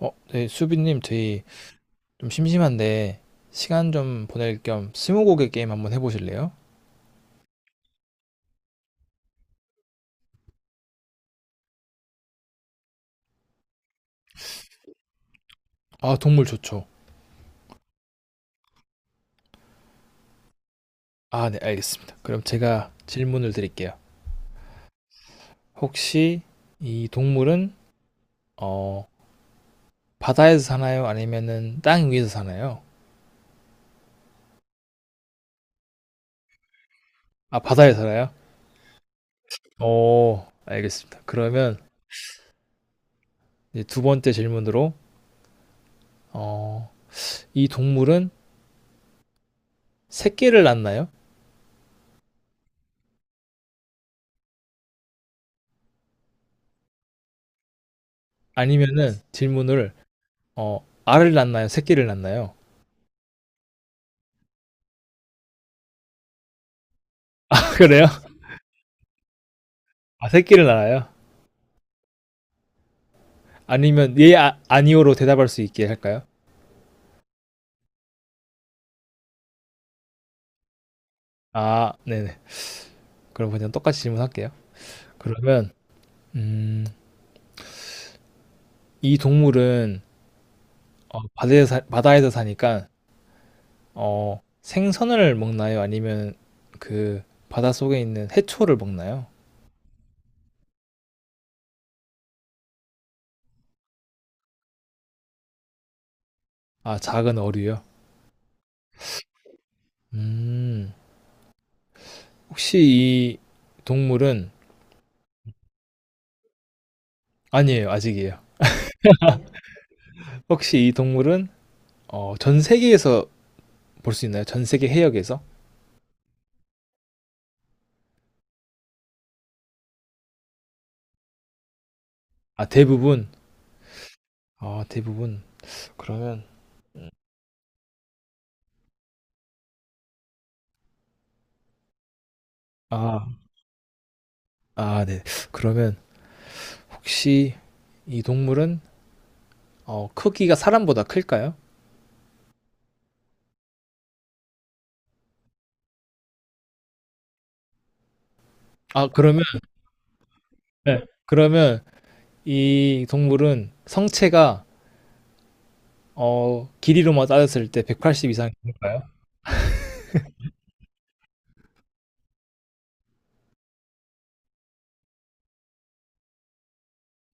네, 수빈님, 저희 좀 심심한데 시간 좀 보낼 겸 스무고개 게임 한번 해보실래요? 아, 동물 좋죠. 아, 네, 알겠습니다. 그럼 제가 질문을 드릴게요. 혹시 이 동물은 어, 바다에서 사나요? 아니면은 땅 위에서 사나요? 아, 바다에 살아요? 오, 알겠습니다. 그러면 이제 두 번째 질문으로 어, 이 동물은 새끼를 낳나요? 아니면은 질문을, 알을 낳나요? 새끼를 낳나요? 그래요? 아, 새끼를 낳아요? 아니면 예, 아니오로 대답할 수 있게 할까요? 아, 네네 그럼 그냥 똑같이 질문할게요. 그러면 음, 이 동물은 바다에서 사니까 생선을 먹나요? 아니면 그 바다 속에 있는 해초를 먹나요? 아, 작은 어류요. 음 혹시 이 동물은. 아니에요, 아직이에요. 혹시 이 동물은 전 세계에서 볼 수 있나요? 전 세계 해역에서? 아, 대부분. 아, 대부분. 그러면 아, 아, 네. 그러면 혹시 이 동물은 크기가 사람보다 클까요? 아, 그러면 네. 그러면 이 동물은 성체가 길이로만 따졌을 때 180 이상 될까요?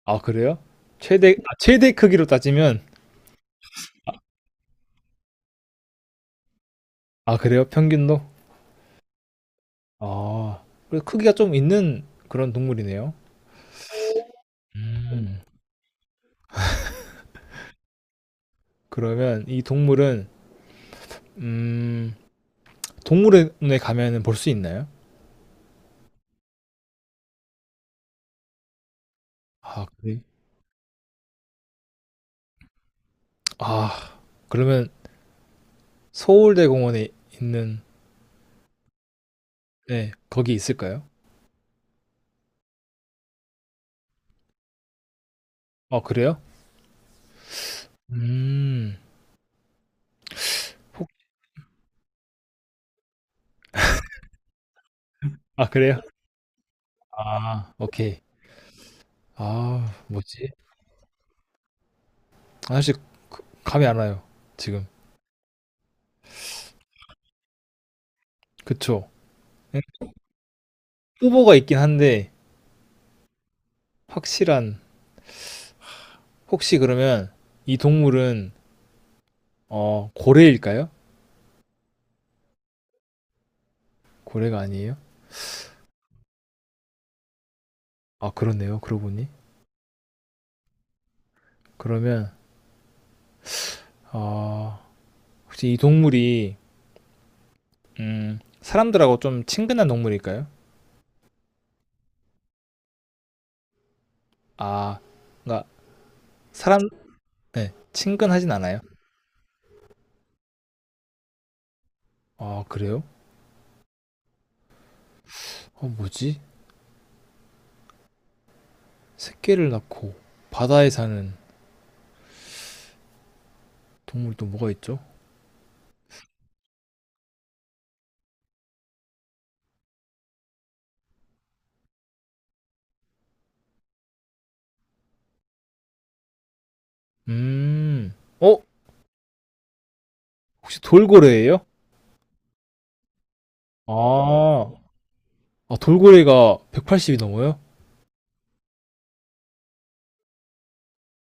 아, 그래요? 최대 크기로 따지면. 아, 그래요? 평균도? 아, 그래도 크기가 좀 있는 그런 동물이네요. 음. 그러면 이 동물은 음, 동물원에 가면은 볼 수 있나요? 아, 그래. 아, 그러면 서울대공원에 있는, 네, 거기 있을까요? 아, 그래요? 음, 혹, 아, 그래요? 아, 오케이. 아, 뭐지? 사실 감이 안 와요 지금. 그쵸? 예, 후보가 있긴 한데 확실한, 혹시 그러면 이 동물은 고래일까요? 고래가 아니에요? 아, 그렇네요. 그러고 보니, 그러면 아, 혹시 이 동물이 사람들하고 좀 친근한 동물일까요? 아, 그러니까 사람, 네, 친근하진 않아요? 아, 그래요? 뭐지? 새끼를 낳고 바다에 사는 동물이 또 뭐가 있죠? 음, 어? 혹시 돌고래예요? 아, 아, 돌고래가 180이 넘어요?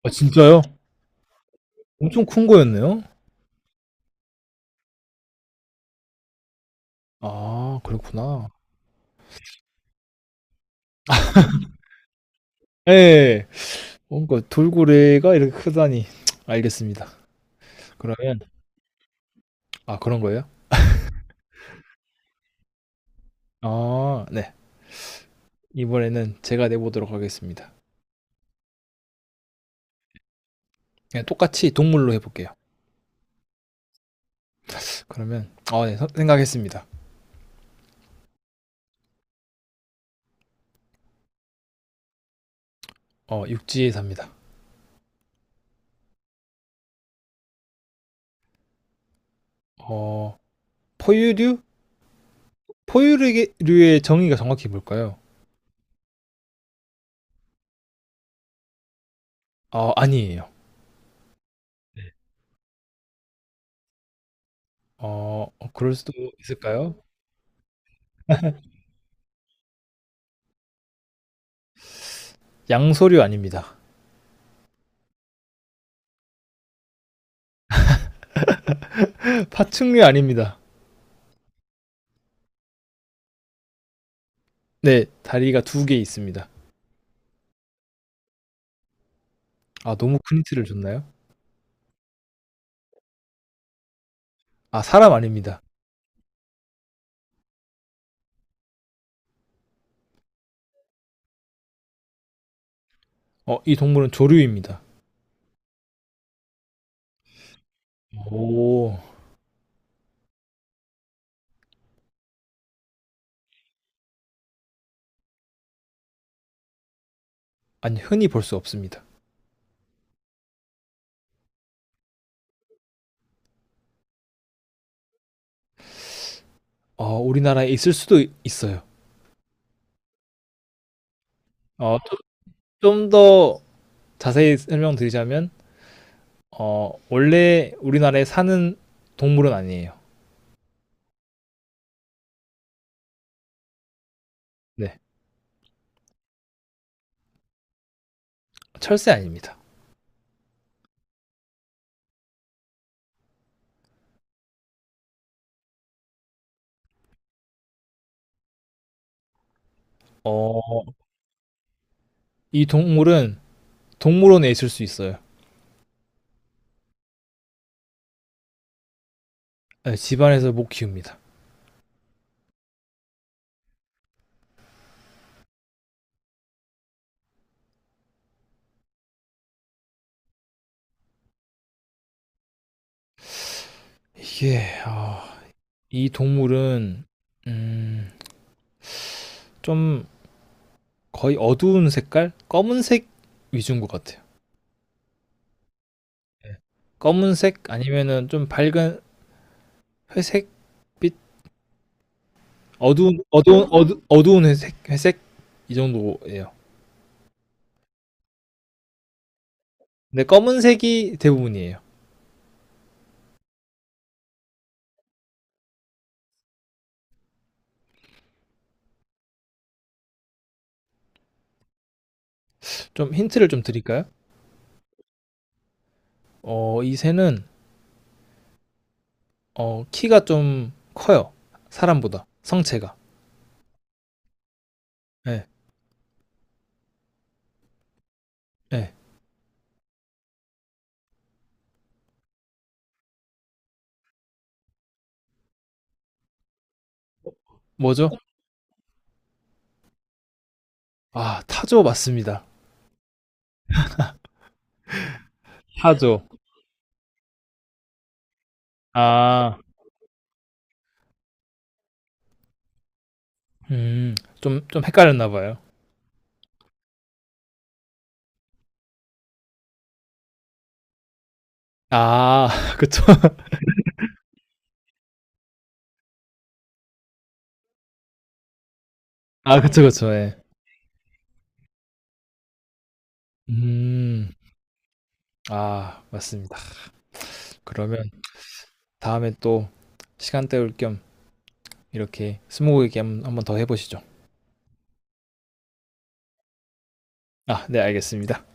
아, 진짜요? 엄청 큰 거였네요? 아, 그렇구나. 예, 뭔가 돌고래가 이렇게 크다니. 알겠습니다. 그러면, 아, 그런 거예요? 아, 네. 이번에는 제가 내보도록 하겠습니다. 그냥 똑같이 동물로 해볼게요. 그러면, 아, 네, 생각했습니다. 육지에 삽니다. 어, 포유류? 포유류의 정의가 정확히 뭘까요? 아니에요. 그럴 수도 있을까요? 양서류 아닙니다. 파충류 아닙니다. 네, 다리가 2개 있습니다. 아, 너무 큰 힌트를 줬나요? 아, 사람 아닙니다. 이 동물은 조류입니다. 오, 아니, 흔히 볼 수 없습니다. 우리나라에 있을 수도 있어요. 어, 좀 더 자세히 설명드리자면, 원래 우리나라에 사는 동물은 아니에요. 네, 철새 아닙니다. 어, 이 동물은 동물원에 있을 수 있어요. 네, 집안에서 못 키웁니다. 이게 아, 이 동물은 음, 좀 거의 어두운 색깔, 검은색 위주인 것 같아요. 네. 검은색 아니면은 좀 밝은 회색빛, 어두운 회색 이 정도예요. 근데 검은색이 대부분이에요. 좀 힌트를 좀 드릴까요? 이 새는 키가 좀 커요. 사람보다 성체가. 네, 예. 뭐죠? 아, 타조 맞습니다. 타조. 아, 음, 좀 헷갈렸나 봐요. 아, 그쵸. 아, 그쵸, 그쵸. 예. 음, 아, 맞습니다. 그러면 다음에 또 시간 때울 겸 이렇게 스무고개 한번 더 해보시죠. 아, 네, 알겠습니다.